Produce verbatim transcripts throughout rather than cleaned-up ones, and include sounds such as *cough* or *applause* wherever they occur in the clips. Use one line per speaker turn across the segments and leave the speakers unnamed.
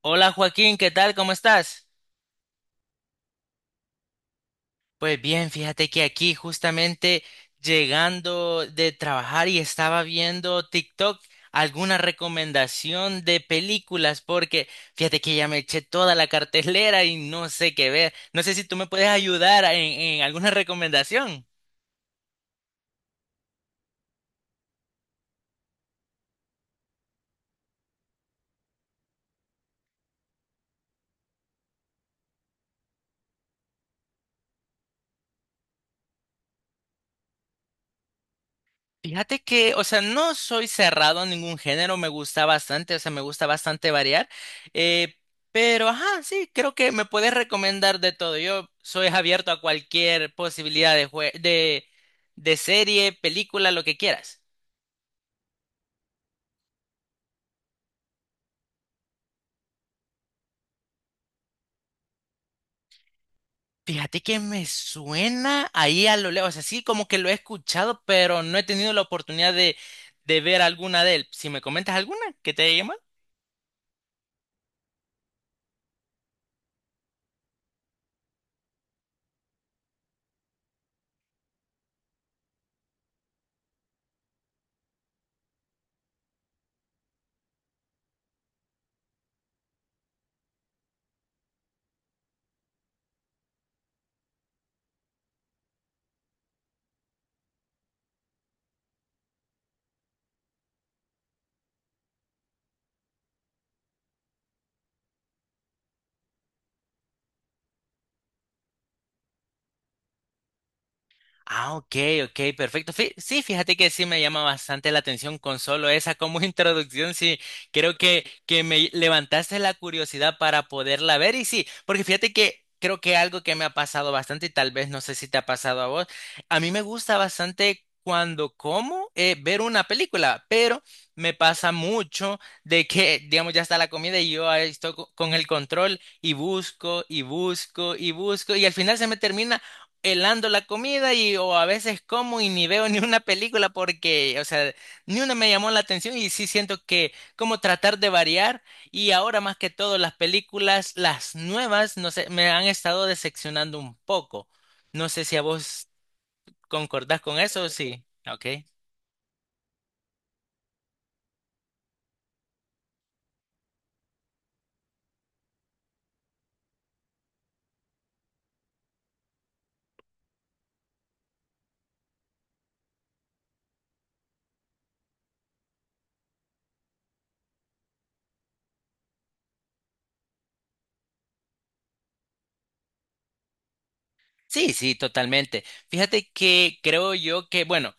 Hola Joaquín, ¿qué tal? ¿Cómo estás? Pues bien, fíjate que aquí justamente llegando de trabajar y estaba viendo TikTok alguna recomendación de películas porque fíjate que ya me eché toda la cartelera y no sé qué ver. No sé si tú me puedes ayudar en, en alguna recomendación. Fíjate que, o sea, no soy cerrado a ningún género, me gusta bastante, o sea, me gusta bastante variar, eh, pero, ajá, sí, creo que me puedes recomendar de todo. Yo soy abierto a cualquier posibilidad de, jue- de, de serie, película, lo que quieras. Fíjate que me suena ahí a lo lejos, o sea, sí, como que lo he escuchado, pero no he tenido la oportunidad de, de ver alguna de él. Si me comentas alguna que te haya. Ah, ok, ok, perfecto. Fí- sí, fíjate que sí me llama bastante la atención con solo esa como *laughs* introducción. Sí, creo que, que me levantaste la curiosidad para poderla ver. Y sí, porque fíjate que creo que algo que me ha pasado bastante, y tal vez no sé si te ha pasado a vos, a mí me gusta bastante cuando como eh, ver una película, pero me pasa mucho de que, digamos, ya está la comida y yo ahí estoy co- con el control y busco y busco y busco y al final se me termina helando la comida y o a veces como y ni veo *laughs* ni una película porque, o sea, ni una me llamó la atención y sí siento que como tratar de variar y ahora más que todo las películas, las nuevas, no sé, me han estado decepcionando un poco. No sé si a vos concordás con eso, sí. Ok. Sí, sí, totalmente. Fíjate que creo yo que, bueno,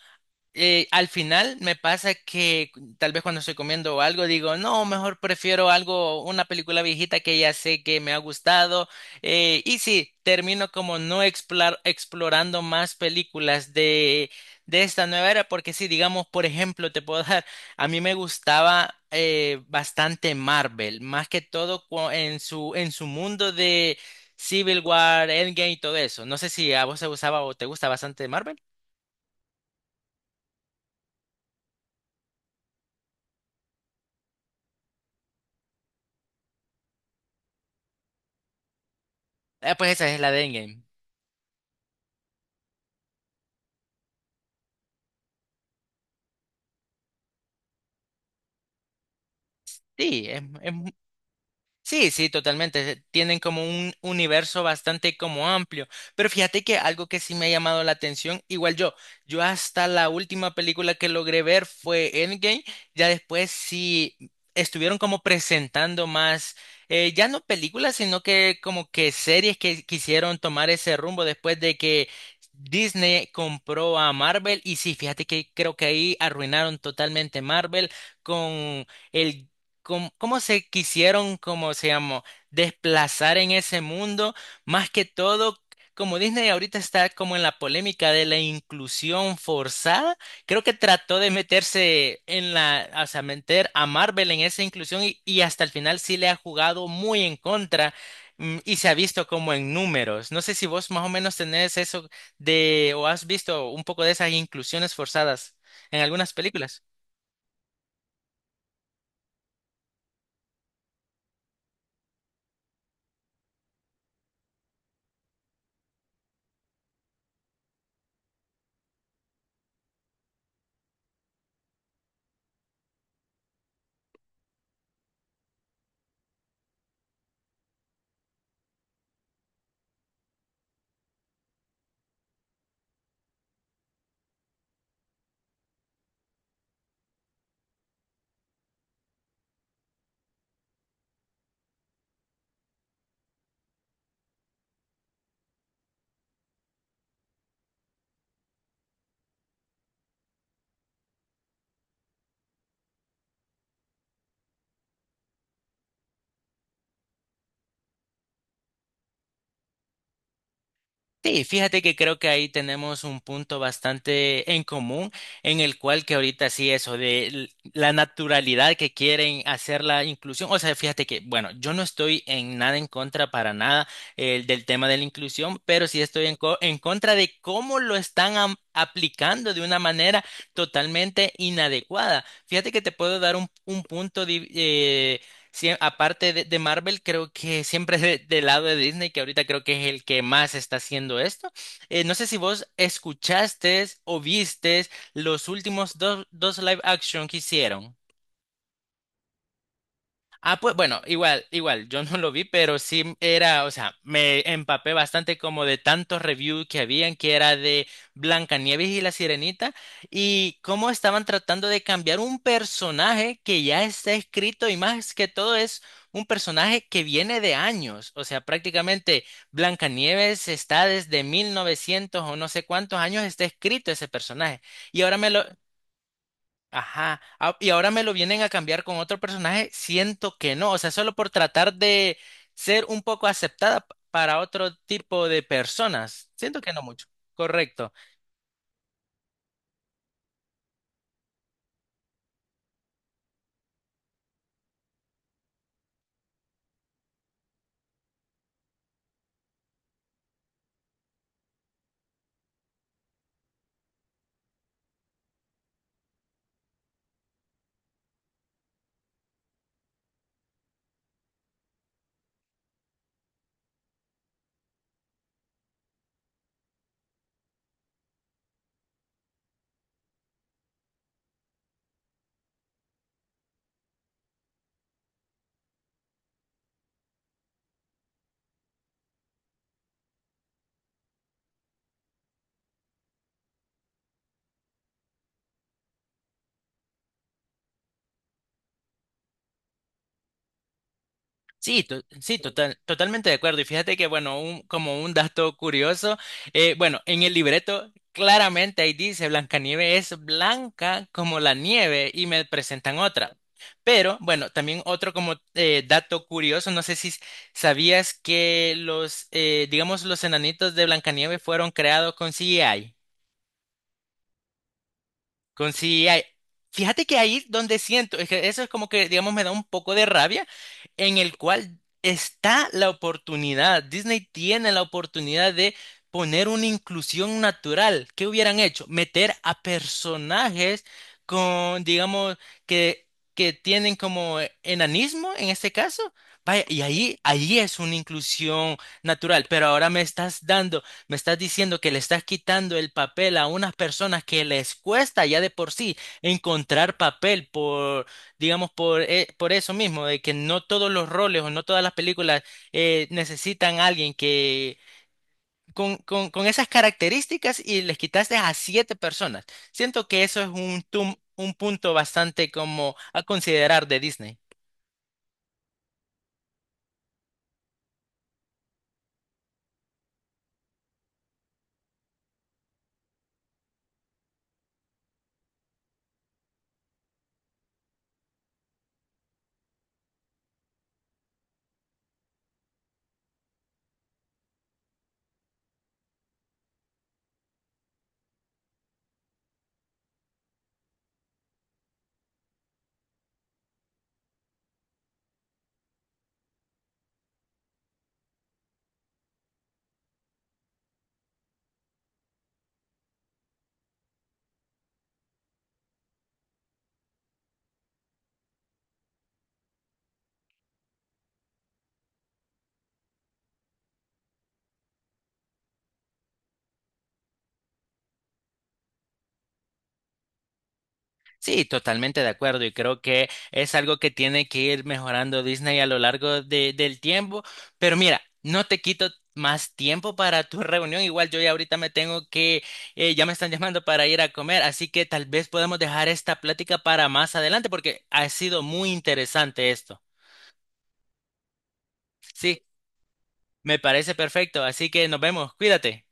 eh, al final me pasa que tal vez cuando estoy comiendo algo digo, no, mejor prefiero algo, una película viejita que ya sé que me ha gustado. eh, y sí, termino como no explar- explorando más películas de, de esta nueva era, porque si digamos, por ejemplo, te puedo *laughs* dar, a mí me gustaba eh, bastante Marvel, más que todo cua- en su, en su mundo de Civil War, Endgame y todo eso. No sé si a vos te gustaba o te gusta bastante Marvel. Ah, pues esa es la de Endgame. Sí, es- es mu- sí, sí, totalmente. se- Tienen como un universo bastante como amplio. Pero fíjate que algo que sí me ha llamado la atención, igual yo, yo hasta la última película que logré ver fue Endgame, ya después sí estuvieron como presentando más, eh, ya no películas, sino que como que series que quisieron tomar ese rumbo después de que Disney compró a Marvel. Y sí, fíjate que creo que ahí arruinaron totalmente Marvel con... El cómo, cómo se quisieron, como se llamó, desplazar en ese mundo, más que todo, como Disney ahorita está como en la polémica de la inclusión forzada, creo que trató de meterse en la, o sea, meter a Marvel en esa inclusión y, y hasta el final sí le ha jugado muy en contra. mm, Y se ha visto como en números. No sé si vos más o menos tenés eso de o has visto un poco de esas inclusiones forzadas en algunas películas. Sí, fíjate que creo que ahí tenemos un punto bastante en común en el cual que ahorita sí eso de l- la naturalidad que quieren hacer la inclusión, o sea, fíjate que, bueno, yo no estoy en nada en contra para nada eh, del tema de la inclusión, pero sí estoy en, co- en contra de cómo lo están am- aplicando de una manera totalmente inadecuada. Fíjate que te puedo dar un, un punto de. Sí, aparte de, de Marvel, creo que siempre de- del lado de Disney, que ahorita creo que es el que más está haciendo esto. Eh, no sé si vos escuchaste o viste los últimos dos, dos live action que hicieron. Ah, pues bueno, igual, igual, yo no lo vi, pero sí era, o sea, me empapé bastante como de tantos reviews que habían, que era de Blancanieves y la Sirenita, y cómo estaban tratando de cambiar un personaje que ya está escrito y más que todo es un personaje que viene de años, o sea, prácticamente Blancanieves está desde mil novecientos o no sé cuántos años está escrito ese personaje, y ahora me lo. Ajá, ah, y ahora me lo vienen a cambiar con otro personaje, siento que no, o sea, solo por tratar de ser un poco aceptada p- para otro tipo de personas, siento que no mucho, correcto. Sí, to- sí, total, totalmente de acuerdo. Y fíjate que, bueno, un, como un dato curioso, eh, bueno, en el libreto claramente ahí dice Blancanieves es blanca como la nieve y me presentan otra. Pero, bueno, también otro como eh, dato curioso, no sé si s- sabías que los, eh, digamos, los enanitos de Blancanieves fueron creados con C G I. Con si hay- Fíjate que ahí donde siento, es que eso es como que, digamos, me da un poco de rabia, en el cual está la oportunidad. Disney tiene la oportunidad de poner una inclusión natural. ¿Qué hubieran hecho? Meter a personajes con, digamos, que, que tienen como eh, enanismo en este caso. Vaya, y ahí, ahí es una inclusión natural, pero ahora me estás dando me estás diciendo que le estás quitando el papel a unas personas que les cuesta ya de por sí encontrar papel por, digamos, por, eh, por eso mismo, de que no todos los roles o no todas las películas eh, necesitan a alguien que con, con, con esas características y les quitaste a siete personas. Siento que eso es un, tum- un punto bastante como a considerar de Disney. Sí, totalmente de acuerdo y creo que es algo que tiene que ir mejorando Disney a lo largo de- del tiempo. Pero mira, no te quito más tiempo para tu reunión. Igual yo ya ahorita me tengo que, eh, ya me están llamando para ir a comer, así que tal vez podemos dejar esta plática para más adelante porque ha sido muy interesante esto. Sí, me parece perfecto, así que nos vemos, cuídate.